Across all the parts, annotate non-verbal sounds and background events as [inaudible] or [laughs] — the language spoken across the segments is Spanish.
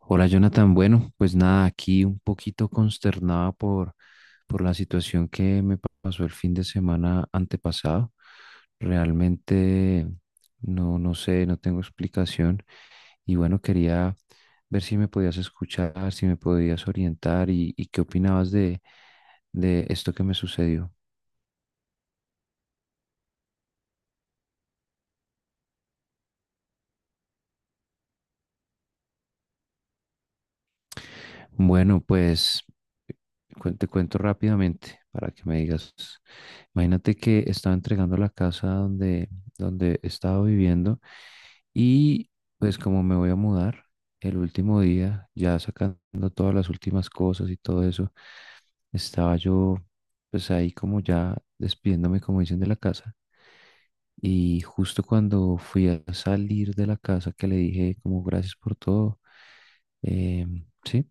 Hola Jonathan, bueno, pues nada, aquí un poquito consternada por la situación que me pasó el fin de semana antepasado. Realmente no sé, no tengo explicación y bueno, quería ver si me podías escuchar, si me podías orientar y qué opinabas de esto que me sucedió. Bueno, pues te cuento rápidamente para que me digas. Imagínate que estaba entregando la casa donde, donde estaba viviendo y pues como me voy a mudar el último día, ya sacando todas las últimas cosas y todo eso, estaba yo pues ahí como ya despidiéndome, como dicen, de la casa. Y justo cuando fui a salir de la casa que le dije como gracias por todo, sí.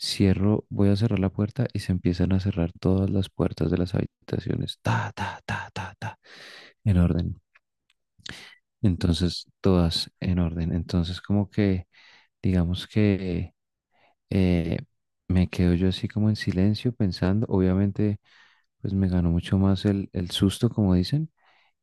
Cierro, voy a cerrar la puerta y se empiezan a cerrar todas las puertas de las habitaciones. Ta, ta, ta, ta, ta, en orden. Entonces, todas en orden. Entonces, como que, digamos que eh, me quedo yo así como en silencio pensando. Obviamente, pues me ganó mucho más el susto, como dicen,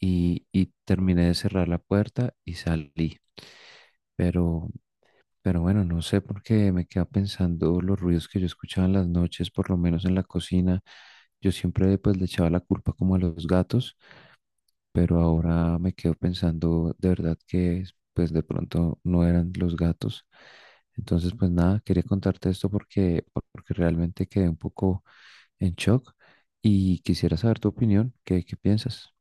y terminé de cerrar la puerta y salí. Pero Pero bueno, no sé por qué me queda pensando los ruidos que yo escuchaba en las noches, por lo menos en la cocina. Yo siempre pues le echaba la culpa como a los gatos, pero ahora me quedo pensando de verdad que pues de pronto no eran los gatos. Entonces pues nada, quería contarte esto porque, porque realmente quedé un poco en shock y quisiera saber tu opinión, ¿qué, qué piensas?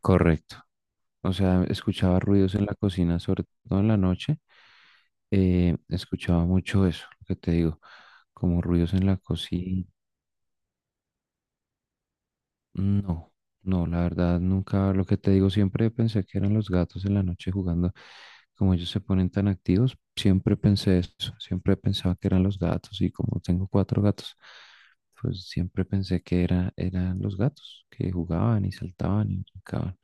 Correcto. O sea, escuchaba ruidos en la cocina, sobre todo en la noche. Escuchaba mucho eso, lo que te digo, como ruidos en la cocina. No, no, la verdad nunca, lo que te digo, siempre pensé que eran los gatos en la noche jugando, como ellos se ponen tan activos, siempre pensé eso, siempre pensaba que eran los gatos y como tengo cuatro gatos, pues siempre pensé que era, eran los gatos que jugaban y saltaban y brincaban.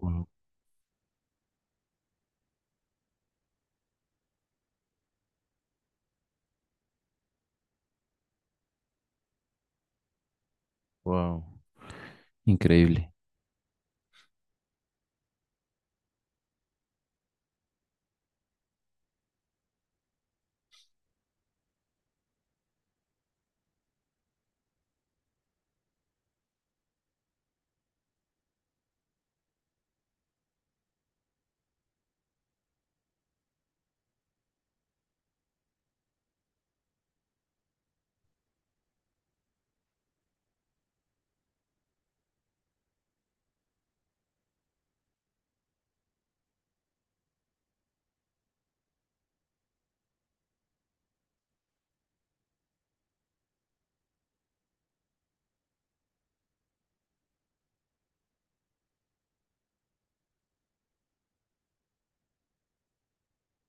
Wow, wow. Increíble.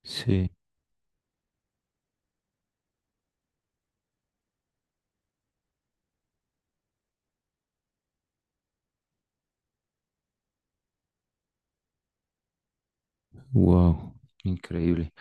Sí. Wow, increíble.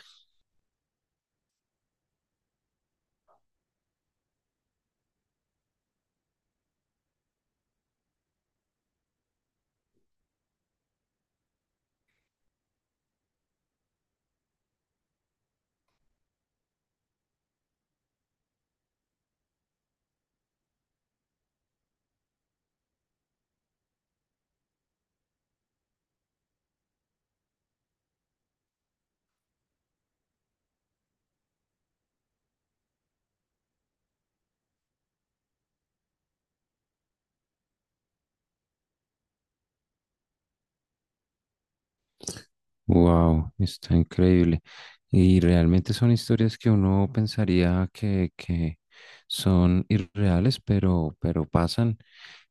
Wow, está increíble. Y realmente son historias que uno pensaría que son irreales, pero pasan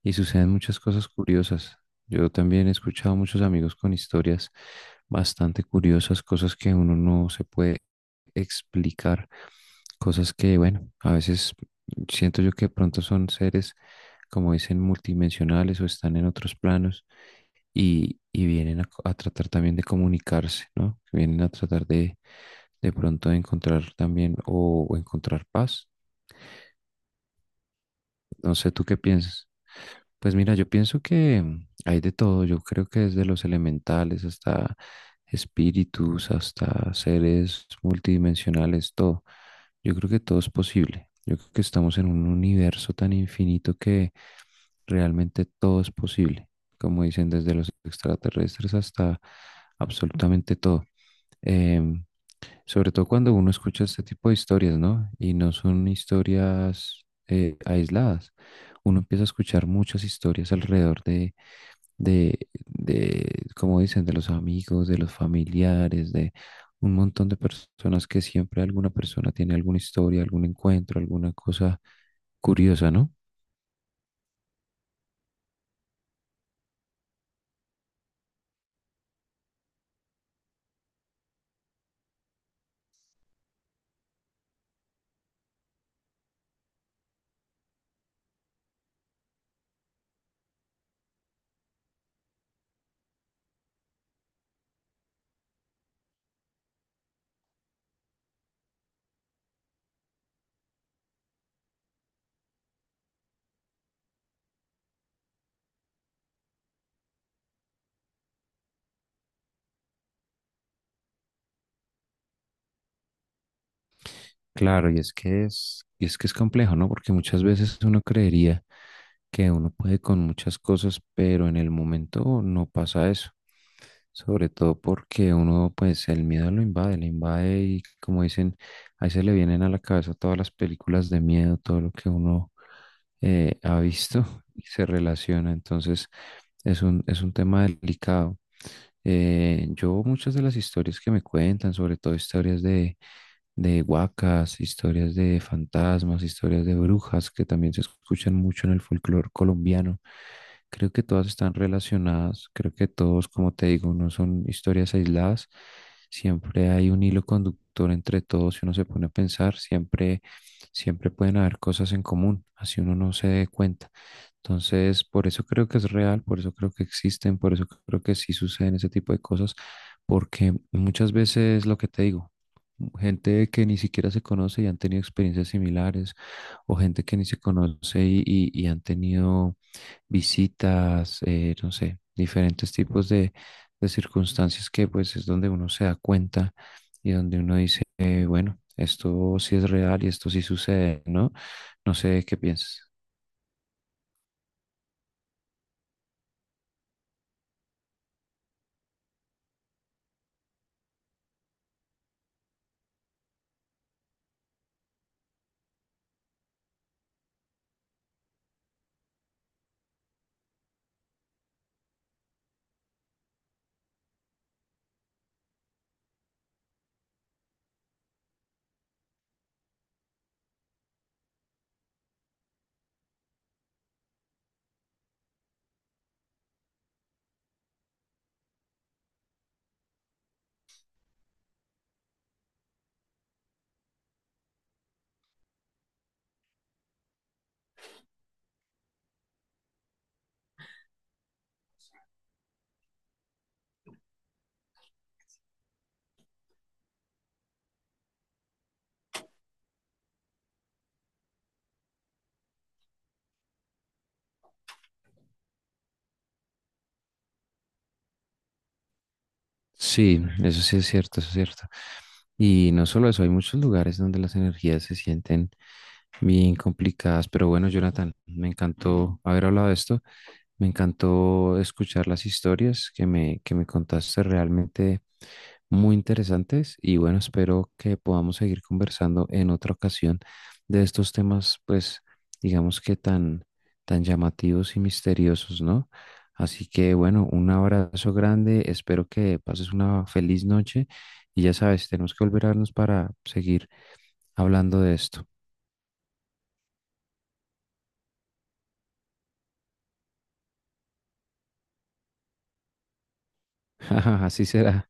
y suceden muchas cosas curiosas. Yo también he escuchado muchos amigos con historias bastante curiosas, cosas que uno no se puede explicar, cosas que, bueno, a veces siento yo que de pronto son seres, como dicen, multidimensionales o están en otros planos y vienen a, a tratar también de comunicarse, ¿no? Vienen a tratar de pronto de encontrar también o encontrar paz no sé, ¿tú qué piensas? Pues mira, yo pienso que mm, hay de todo. Yo creo que desde los elementales hasta espíritus, hasta seres multidimensionales, todo. Yo creo que todo es posible. Yo creo que estamos en un universo tan infinito que realmente todo es posible. Como dicen, desde los extraterrestres hasta absolutamente todo. Em, Sobre todo cuando uno escucha este tipo de historias, ¿no? Y no son historias aisladas. Uno empieza a escuchar muchas historias alrededor de, de, como dicen, de los amigos, de los familiares, de un montón de personas que siempre alguna persona tiene alguna historia, algún encuentro, alguna cosa curiosa, ¿no? Claro, y es que es, y es que es complejo, ¿no? Porque muchas veces uno creería que uno puede con muchas cosas, pero en el momento no pasa eso. Sobre todo porque uno, pues, el miedo lo invade, le invade y como dicen, ahí se le vienen a la cabeza todas las películas de miedo, todo lo que uno ha visto y se relaciona. Entonces, es un tema delicado. Yo muchas de las historias que me cuentan, sobre todo historias de huacas, historias de fantasmas, historias de brujas, que también se escuchan mucho en el folclore colombiano, creo que todas están relacionadas, creo que todos, como te digo, no son historias aisladas, siempre hay un hilo conductor entre todos, si uno se pone a pensar, siempre, siempre pueden haber cosas en común, así uno no se dé cuenta. Entonces, por eso creo que es real, por eso creo que existen, por eso creo que sí suceden ese tipo de cosas, porque muchas veces lo que te digo, gente que ni siquiera se conoce y han tenido experiencias similares, o gente que ni se conoce y, y han tenido visitas, no sé, diferentes tipos de circunstancias que pues es donde uno se da cuenta y donde uno dice, bueno, esto sí es real y esto sí sucede, ¿no? No sé qué piensas. Sí, eso sí es cierto, eso es cierto. Y no solo eso, hay muchos lugares donde las energías se sienten bien complicadas, pero bueno, Jonathan, me encantó haber hablado de esto, me encantó escuchar las historias que me contaste, realmente muy interesantes y bueno, espero que podamos seguir conversando en otra ocasión de estos temas, pues digamos que tan, tan llamativos y misteriosos, ¿no? Así que bueno, un abrazo grande, espero que pases una feliz noche y ya sabes, tenemos que volver a vernos para seguir hablando de esto. [laughs] Así será.